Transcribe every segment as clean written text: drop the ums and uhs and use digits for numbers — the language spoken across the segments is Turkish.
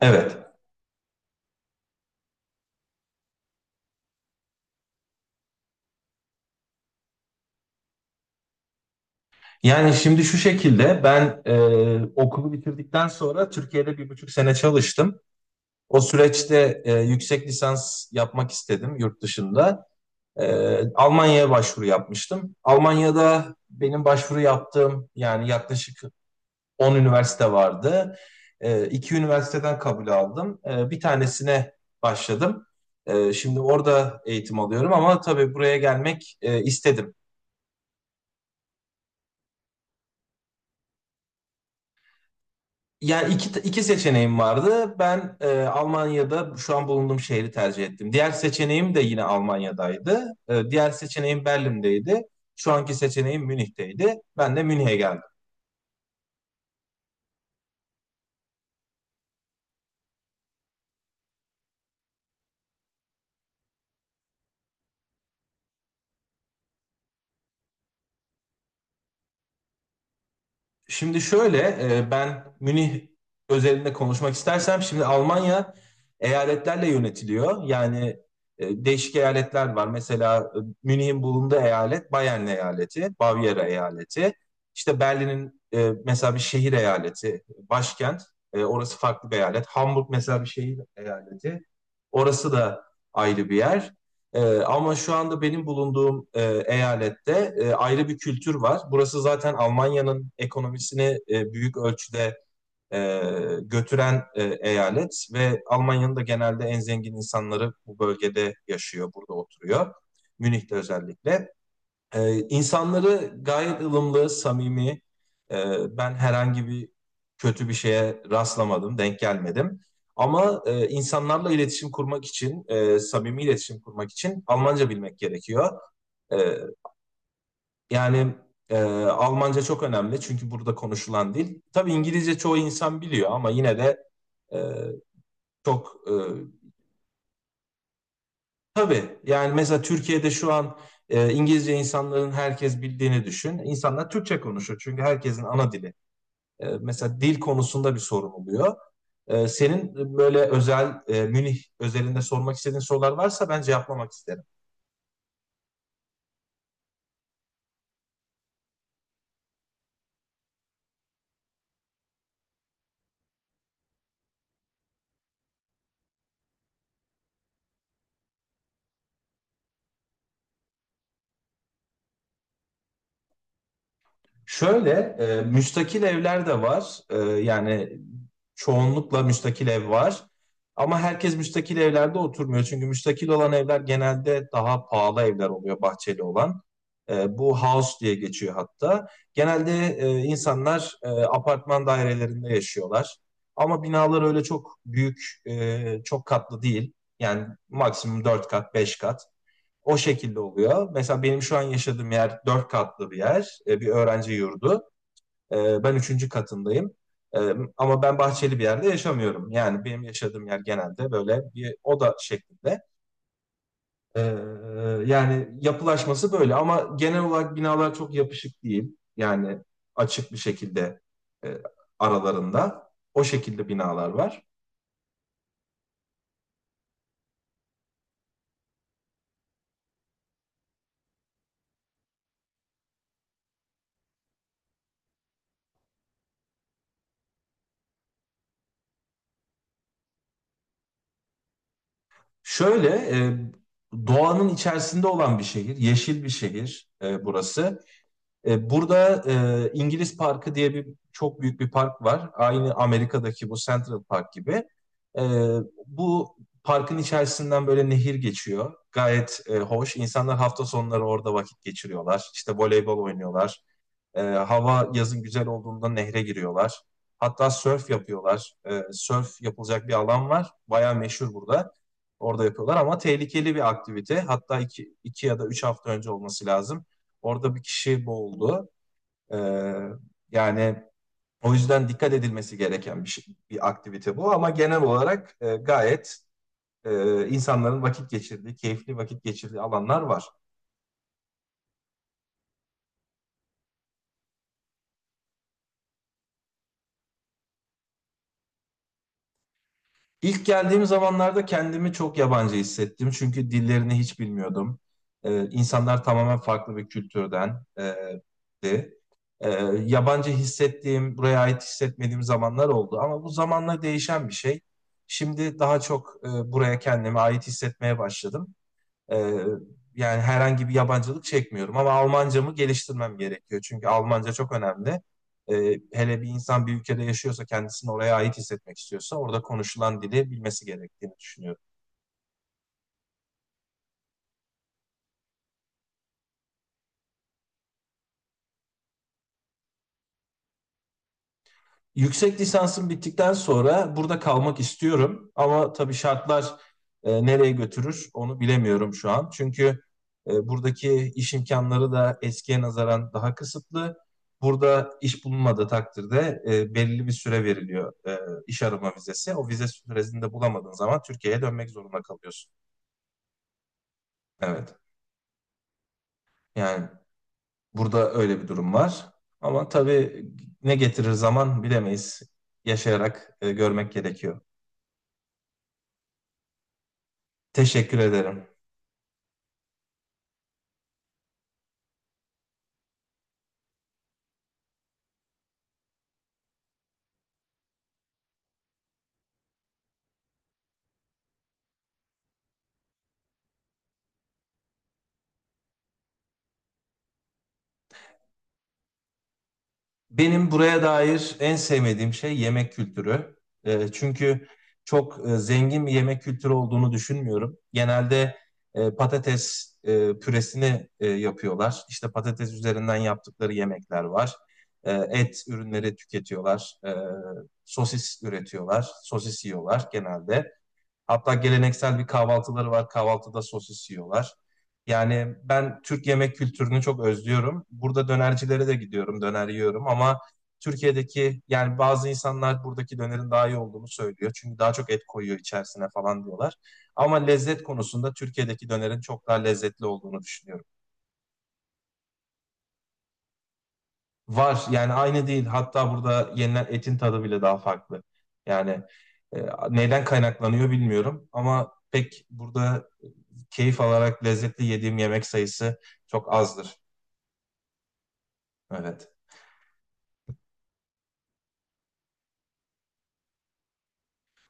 Evet. Yani şimdi şu şekilde ben okulu bitirdikten sonra Türkiye'de 1,5 sene çalıştım. O süreçte yüksek lisans yapmak istedim yurt dışında. Almanya'ya başvuru yapmıştım. Almanya'da benim başvuru yaptığım yani yaklaşık 10 üniversite vardı. E, iki üniversiteden kabul aldım. Bir tanesine başladım. Şimdi orada eğitim alıyorum ama tabii buraya gelmek istedim. Yani iki seçeneğim vardı. Ben Almanya'da şu an bulunduğum şehri tercih ettim. Diğer seçeneğim de yine Almanya'daydı. Diğer seçeneğim Berlin'deydi. Şu anki seçeneğim Münih'teydi. Ben de Münih'e geldim. Şimdi şöyle, ben Münih özelinde konuşmak istersem şimdi Almanya eyaletlerle yönetiliyor. Yani değişik eyaletler var. Mesela Münih'in bulunduğu eyalet Bayern eyaleti, Bavyera eyaleti. İşte Berlin'in mesela bir şehir eyaleti, başkent. Orası farklı bir eyalet. Hamburg mesela bir şehir eyaleti. Orası da ayrı bir yer. Ama şu anda benim bulunduğum eyalette ayrı bir kültür var. Burası zaten Almanya'nın ekonomisini büyük ölçüde e, götüren eyalet ve Almanya'nın da genelde en zengin insanları bu bölgede yaşıyor, burada oturuyor. Münih'te özellikle. İnsanları gayet ılımlı, samimi. Ben herhangi bir kötü bir şeye rastlamadım, denk gelmedim. Ama insanlarla iletişim kurmak için, samimi iletişim kurmak için Almanca bilmek gerekiyor. Ee, yani Almanca çok önemli çünkü burada konuşulan dil. Tabii İngilizce çoğu insan biliyor ama yine de e, çok. Tabii. Yani mesela Türkiye'de şu an İngilizce insanların herkes bildiğini düşün. İnsanlar Türkçe konuşuyor çünkü herkesin ana dili. Mesela dil konusunda bir sorun oluyor. Senin böyle özel, Münih özelinde sormak istediğin sorular varsa ben cevaplamak isterim. Şöyle, müstakil evler de var. Yani çoğunlukla müstakil ev var. Ama herkes müstakil evlerde oturmuyor. Çünkü müstakil olan evler genelde daha pahalı evler oluyor bahçeli olan. Bu house diye geçiyor hatta. Genelde insanlar apartman dairelerinde yaşıyorlar. Ama binalar öyle çok büyük, çok katlı değil. Yani maksimum 4 kat, 5 kat. O şekilde oluyor. Mesela benim şu an yaşadığım yer dört katlı bir yer, bir öğrenci yurdu. Ben üçüncü katındayım. E, ama ben bahçeli bir yerde yaşamıyorum. Yani benim yaşadığım yer genelde böyle bir oda şeklinde. Ee, yani yapılaşması böyle ama genel olarak binalar çok yapışık değil. Yani açık bir şekilde e, aralarında o şekilde binalar var. Şöyle, e, doğanın içerisinde olan bir şehir, yeşil bir şehir burası. Burada İngiliz Parkı diye bir çok büyük bir park var. Aynı Amerika'daki bu Central Park gibi. E, bu parkın içerisinden böyle nehir geçiyor. Gayet hoş. İnsanlar hafta sonları orada vakit geçiriyorlar. İşte voleybol oynuyorlar. Hava yazın güzel olduğunda nehre giriyorlar. Hatta sörf yapıyorlar. Sörf yapılacak bir alan var. Bayağı meşhur burada. Orada yapıyorlar ama tehlikeli bir aktivite. Hatta iki, iki ya da üç hafta önce olması lazım. Orada bir kişi boğuldu. Ee, yani o yüzden dikkat edilmesi gereken bir aktivite bu. Ama genel olarak gayet insanların vakit geçirdiği, keyifli vakit geçirdiği alanlar var. İlk geldiğim zamanlarda kendimi çok yabancı hissettim. Çünkü dillerini hiç bilmiyordum. İnsanlar tamamen farklı bir kültürden di. Ee, yabancı hissettiğim, buraya ait hissetmediğim zamanlar oldu. Ama bu zamanla değişen bir şey. Şimdi daha çok buraya kendimi ait hissetmeye başladım. Ee, yani herhangi bir yabancılık çekmiyorum ama Almancamı geliştirmem gerekiyor. Çünkü Almanca çok önemli. Hele bir insan bir ülkede yaşıyorsa kendisini oraya ait hissetmek istiyorsa orada konuşulan dili bilmesi gerektiğini düşünüyorum. Yüksek lisansım bittikten sonra burada kalmak istiyorum ama tabii şartlar nereye götürür onu bilemiyorum şu an. Çünkü buradaki iş imkanları da eskiye nazaran daha kısıtlı. Burada iş bulunmadığı takdirde belirli bir süre veriliyor, iş arama vizesi. O vize süresini de bulamadığın zaman Türkiye'ye dönmek zorunda kalıyorsun. Evet. Yani burada öyle bir durum var. Ama tabii ne getirir zaman bilemeyiz. Yaşayarak görmek gerekiyor. Teşekkür ederim. Benim buraya dair en sevmediğim şey yemek kültürü. Çünkü çok zengin bir yemek kültürü olduğunu düşünmüyorum. Genelde patates püresini yapıyorlar. İşte patates üzerinden yaptıkları yemekler var. Et ürünleri tüketiyorlar. Sosis üretiyorlar. Sosis yiyorlar genelde. Hatta geleneksel bir kahvaltıları var. Kahvaltıda sosis yiyorlar. Yani ben Türk yemek kültürünü çok özlüyorum. Burada dönercilere de gidiyorum, döner yiyorum ama Türkiye'deki yani bazı insanlar buradaki dönerin daha iyi olduğunu söylüyor. Çünkü daha çok et koyuyor içerisine falan diyorlar. Ama lezzet konusunda Türkiye'deki dönerin çok daha lezzetli olduğunu düşünüyorum. Var yani aynı değil. Hatta burada yenilen etin tadı bile daha farklı. Yani neyden kaynaklanıyor bilmiyorum ama pek burada keyif alarak lezzetli yediğim yemek sayısı çok azdır. Evet.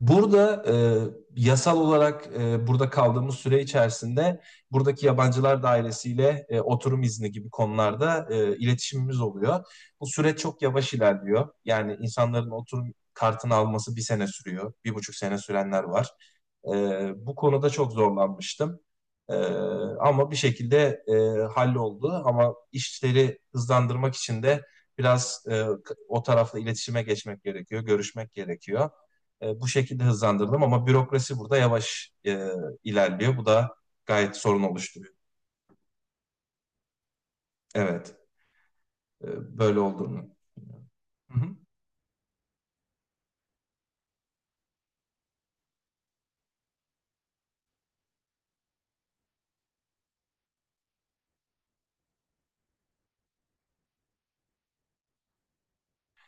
Burada yasal olarak burada kaldığımız süre içerisinde buradaki yabancılar dairesiyle oturum izni gibi konularda iletişimimiz oluyor. Bu süreç çok yavaş ilerliyor. Yani insanların oturum kartını alması bir sene sürüyor, 1,5 sene sürenler var. Bu konuda çok zorlanmıştım. E, ama bir şekilde halloldu. Ama işleri hızlandırmak için de biraz o tarafla iletişime geçmek gerekiyor, görüşmek gerekiyor. Bu şekilde hızlandırdım ama bürokrasi burada yavaş ilerliyor. Bu da gayet sorun oluşturuyor. Evet, böyle olduğunu. Hı hı.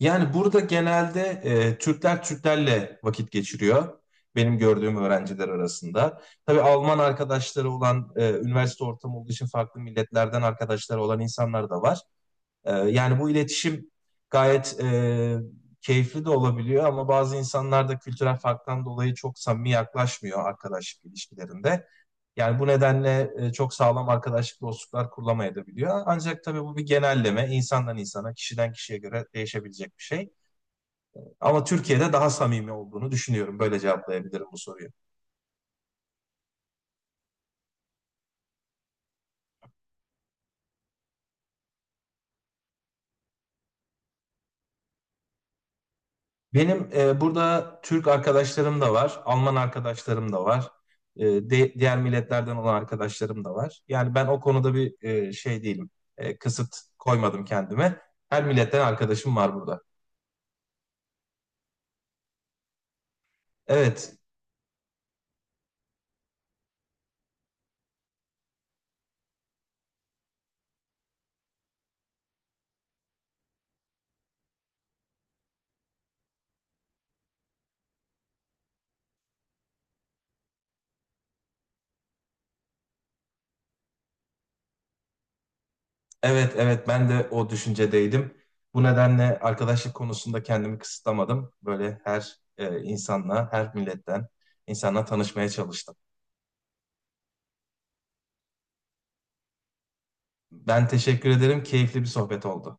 Yani burada genelde Türkler Türklerle vakit geçiriyor. Benim gördüğüm öğrenciler arasında. Tabii Alman arkadaşları olan, üniversite ortamı olduğu için farklı milletlerden arkadaşları olan insanlar da var. Yani bu iletişim gayet keyifli de olabiliyor ama bazı insanlar da kültürel farktan dolayı çok samimi yaklaşmıyor arkadaşlık ilişkilerinde. Yani bu nedenle çok sağlam arkadaşlık dostluklar kurulamayabiliyor. Ancak tabii bu bir genelleme, insandan insana, kişiden kişiye göre değişebilecek bir şey. Ama Türkiye'de daha samimi olduğunu düşünüyorum. Böyle cevaplayabilirim bu soruyu. Benim burada Türk arkadaşlarım da var, Alman arkadaşlarım da var, diğer milletlerden olan arkadaşlarım da var. Yani ben o konuda bir şey değilim, kısıt koymadım kendime. Her milletten arkadaşım var burada. Evet, evet, evet ben de o düşüncedeydim. Bu nedenle arkadaşlık konusunda kendimi kısıtlamadım. Böyle her insanla, her milletten insanla tanışmaya çalıştım. Ben teşekkür ederim, keyifli bir sohbet oldu.